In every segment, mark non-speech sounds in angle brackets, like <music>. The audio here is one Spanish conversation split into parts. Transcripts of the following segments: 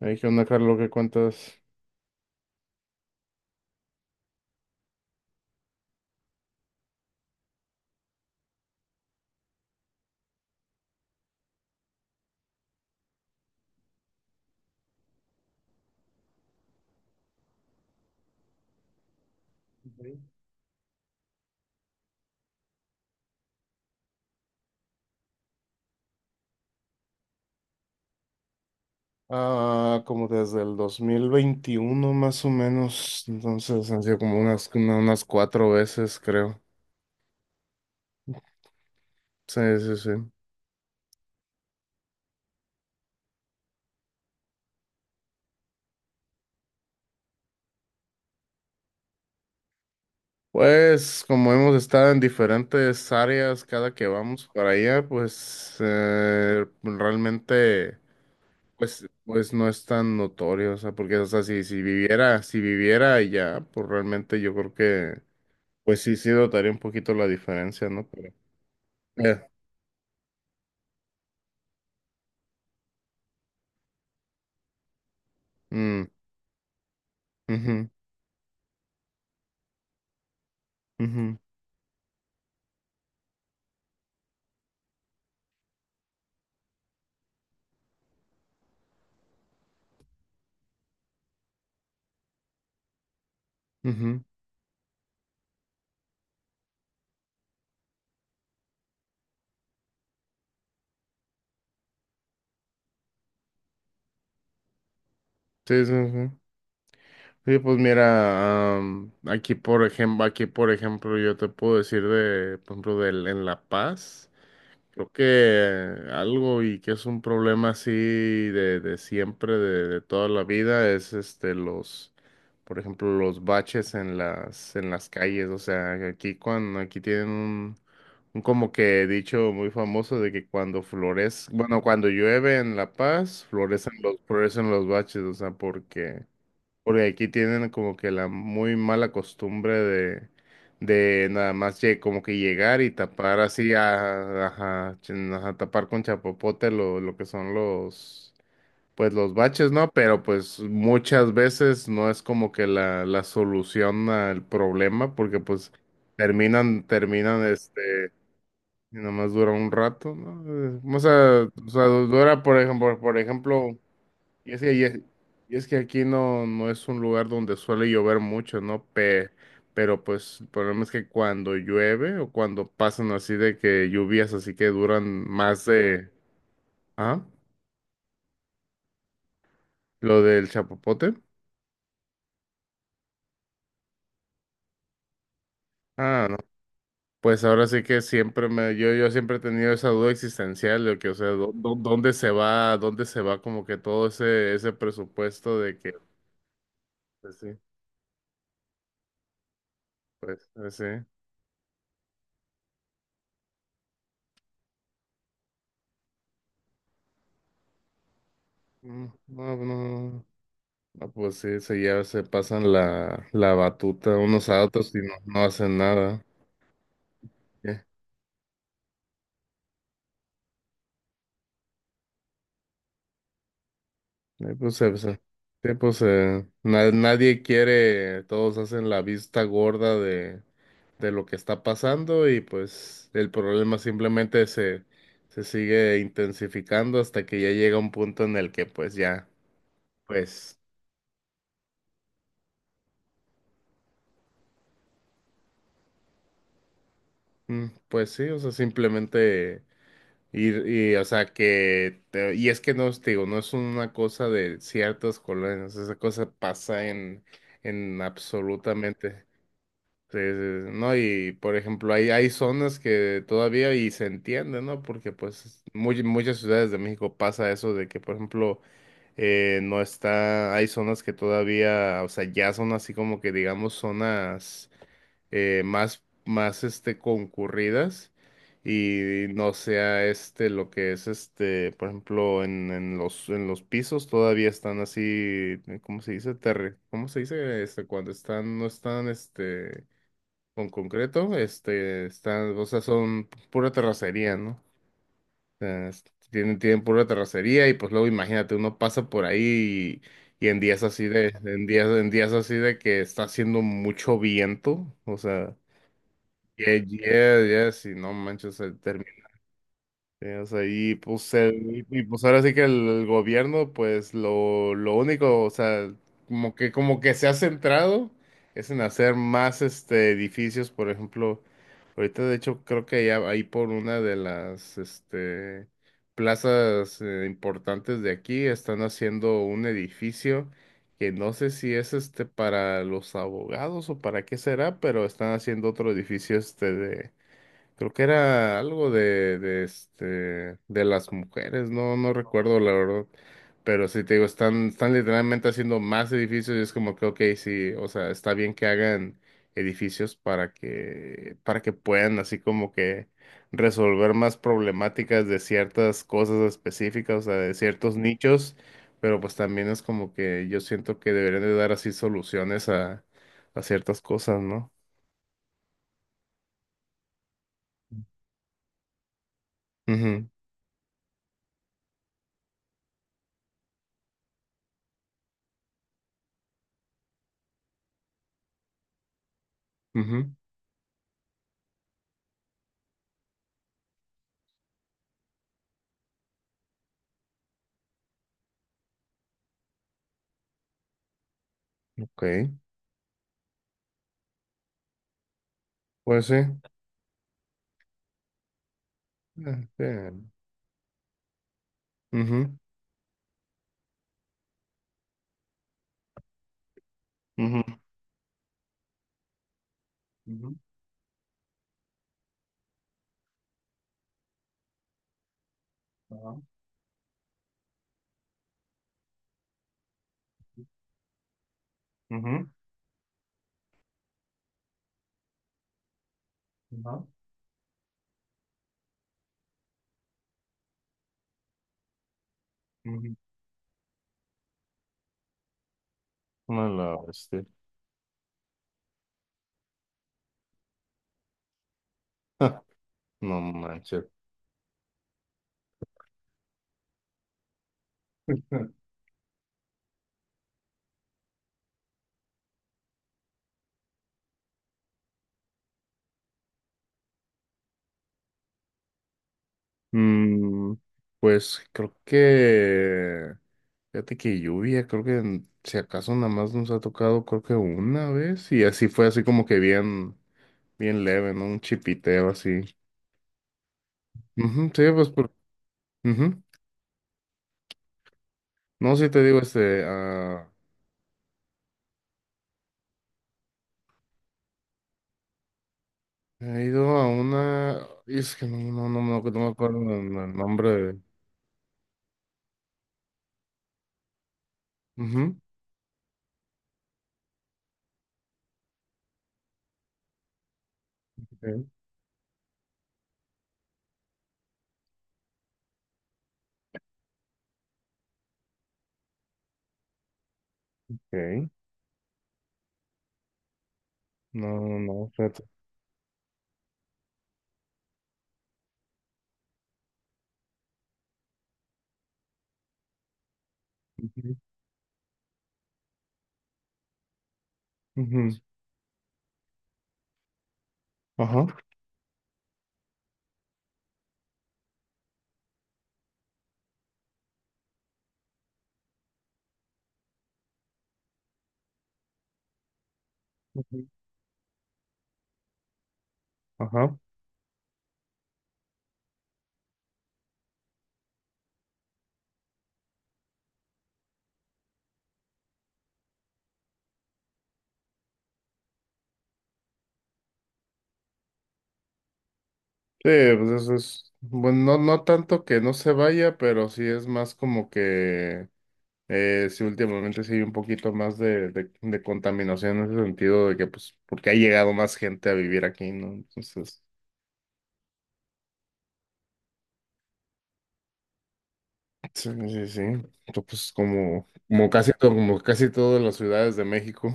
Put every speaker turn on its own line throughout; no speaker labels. Hay que onda, Carlos, ¿qué cuentas? Ok. Ah, como desde el 2021 más o menos, entonces han sido como unas, unas cuatro veces, creo. Sí, sí, sí. Pues como hemos estado en diferentes áreas cada que vamos para allá, pues realmente, pues no es tan notorio, o sea, porque o sea, si viviera, si viviera allá, pues realmente yo creo que, pues sí, sí notaría un poquito la diferencia, ¿no? Pero, eh, mm, ujú. Ujú, ujú. Sí, sí, sí. Sí, pues mira, aquí por ejemplo, yo te puedo decir por ejemplo, en La Paz. Creo que algo que es un problema así de siempre, de toda la vida, es los, por ejemplo, los baches en las calles. O sea, que aquí aquí tienen un como que dicho muy famoso de que cuando llueve en La Paz, florecen los baches, o sea, porque aquí tienen como que la muy mala costumbre de nada más como que llegar y tapar así, a, ajá, ch- ajá, tapar con chapopote lo que son los, pues los baches, ¿no? Pero pues muchas veces no es como que la solución al problema, porque pues terminan, terminan este, y nada más dura un rato, ¿no? O sea, dura, por ejemplo, y es que, y es, y es que aquí no, no es un lugar donde suele llover mucho, ¿no? Pero pues el problema es que cuando llueve o cuando pasan así de que lluvias así que duran más de... ¿Ah? Lo del chapopote. Ah, no. Pues ahora sí que siempre me... yo siempre he tenido esa duda existencial de que, o sea, ¿dónde se va? ¿Dónde se va como que todo ese, ese presupuesto de que... Pues sí, pues, pues sí. Mm, no, no, no. Ah, pues sí, se, ya se pasan la batuta unos a otros y no, no hacen nada. ¿Qué? Eh, pues, se- se- sí, pues, nadie quiere, todos hacen la vista gorda de lo que está pasando y pues el problema simplemente se sigue intensificando hasta que ya llega un punto en el que pues ya, pues, mm, pues sí, o sea, simplemente... o sea, y es que no, te digo, no es una cosa de ciertas colonias, esa cosa pasa en absolutamente. Sí, sí, sí, no, y por ejemplo, hay zonas que todavía y se entiende, ¿no? Porque pues muy, muchas ciudades de México pasa eso de que, por ejemplo, no está, hay zonas que todavía, o sea, ya son así como que digamos zonas más, concurridas y no sea este lo que es este, por ejemplo, en los pisos todavía están así, ¿cómo se dice? Terre, ¿cómo se dice? Este, cuando están, no están, este con concreto, este, están, o sea, son pura terracería, ¿no? O sea, tienen, tienen pura terracería y pues luego imagínate, uno pasa por ahí y en días así de, en días así de que está haciendo mucho viento, o sea, yeah, ya si no manches, o sea, y pues, y pues ahora sí que el gobierno, pues lo único, o sea, como que se ha centrado es en hacer más este edificios, por ejemplo, ahorita de hecho creo que ya ahí por una de las este plazas importantes de aquí están haciendo un edificio que no sé si es este para los abogados o para qué será, pero están haciendo otro edificio este. Creo que era algo de este de las mujeres, no, no recuerdo la verdad. Pero sí te digo, están, están literalmente haciendo más edificios y es como que ok, sí, o sea, está bien que hagan edificios para que puedan así como que resolver más problemáticas de ciertas cosas específicas, o sea, de ciertos nichos, pero pues también es como que yo siento que deberían de dar así soluciones a ciertas cosas, ¿no? Ujú, ujú, ok. Pues sí. Ah, claro. Ujú, ujú, ujú, ajá, ujú, ajá, ujú. No la bestia. Ah, no manches. <laughs> Mm, pues creo que. Fíjate que lluvia, creo que si acaso nada más nos ha tocado, creo que una vez. Y así fue así como que bien, bien leve, ¿no? Un chipiteo así. Ujú, sí, pues por. Ujú. No, sí te digo, este. Ah, he ido a una. Y es que no, no, no, no, no me acuerdo el nombre de. Ujú, ok, ok. No, no, no, fíjate. Ujú, ujú, ajá. Ujú, ajá. Sí, pues eso es. Bueno, no, no tanto que no se vaya, pero sí es más como que. Sí, últimamente sí hay un poquito más de contaminación en ese sentido de que, pues, porque ha llegado más gente a vivir aquí, ¿no? Entonces. Sí, sí, sí. Entonces, pues como, como casi, como casi todas las ciudades de México.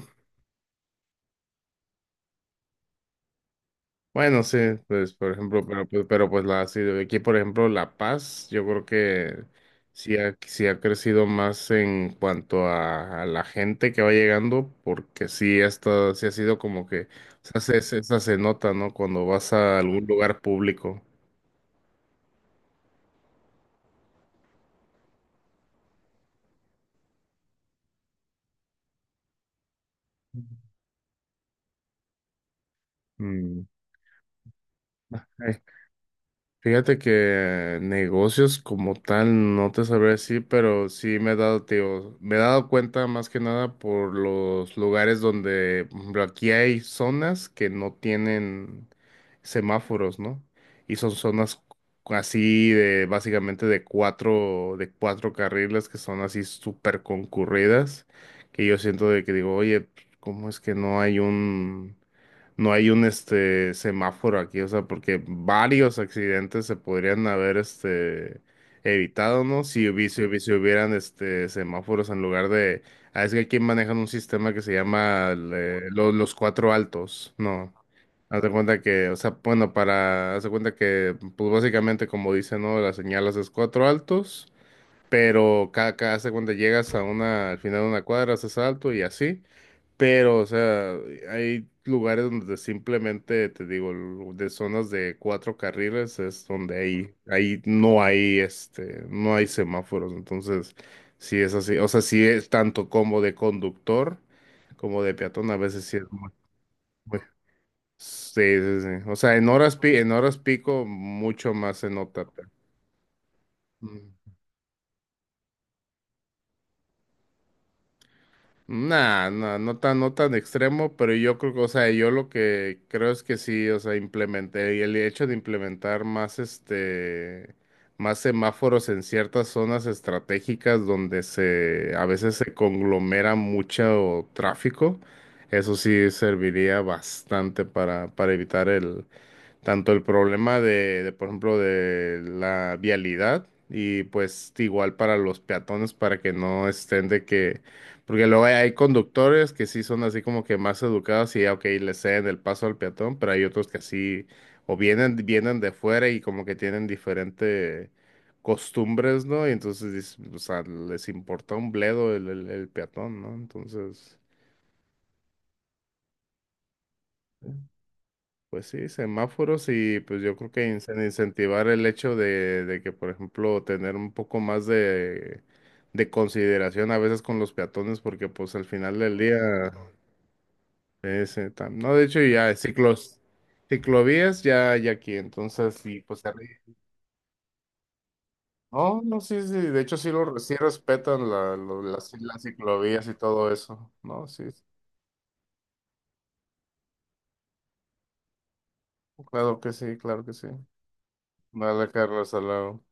Bueno, sí, pues por ejemplo, pero pues la sí, de aquí, por ejemplo, La Paz, yo creo que sí ha crecido más en cuanto a la gente que va llegando, porque sí, hasta, sí ha sido como que, o sea, se, esa se nota, ¿no? Cuando vas a algún lugar público. Mm. <laughs> Fíjate que negocios como tal no te sabré decir, pero sí me he dado, te digo, me he dado cuenta más que nada por los lugares donde, por ejemplo, aquí hay zonas que no tienen semáforos, ¿no? Y son zonas así de, básicamente de cuatro carriles que son así súper concurridas, que yo siento de que digo, oye, ¿cómo es que no hay un este semáforo aquí, o sea, porque varios accidentes se podrían haber este evitado, ¿no? Si hubieran este semáforos en lugar de, ah, es que aquí manejan un sistema que se llama los cuatro altos, ¿no? Haz de cuenta que, o sea, bueno, para, haz de cuenta que, pues básicamente como dice, ¿no? Las señalas es cuatro altos, pero cada, haz de cuenta llegas a una, al final de una cuadra, haces alto y así. Pero, o sea, hay lugares donde simplemente, te digo, de zonas de cuatro carriles es donde ahí no hay, este, no hay semáforos. Entonces, sí es así. O sea, sí es tanto como de conductor como de peatón, a veces sí es muy- sí, sí, sí. O sea, en en horas pico mucho más se nota. Mm. Nah, no tan, no tan extremo, pero yo creo que, o sea, yo lo que creo es que sí, o sea, implementé, y el hecho de implementar más semáforos en ciertas zonas estratégicas donde se, a veces se conglomera mucho tráfico, eso sí serviría bastante para evitar tanto el problema de, por ejemplo, de la vialidad y pues igual para los peatones para que no estén de que, porque luego hay, hay conductores que sí son así como que más educados y ya, ok, le ceden el paso al peatón, pero hay otros que así o vienen, vienen de fuera y como que tienen diferente costumbres, ¿no? Y entonces, dices, o sea, les importa un bledo el peatón, ¿no? Entonces... Pues sí, semáforos y pues yo creo que incentivar el hecho de que, por ejemplo, tener un poco más de consideración a veces con los peatones, porque pues al final del día, no, de hecho ya ciclovías ya, ya aquí, entonces sí, pues se no, no, sí, sí, de hecho sí, sí respetan las ciclovías y todo eso, ¿no? Sí, sí, claro que sí, claro que sí. Dale, Carlos, al lado.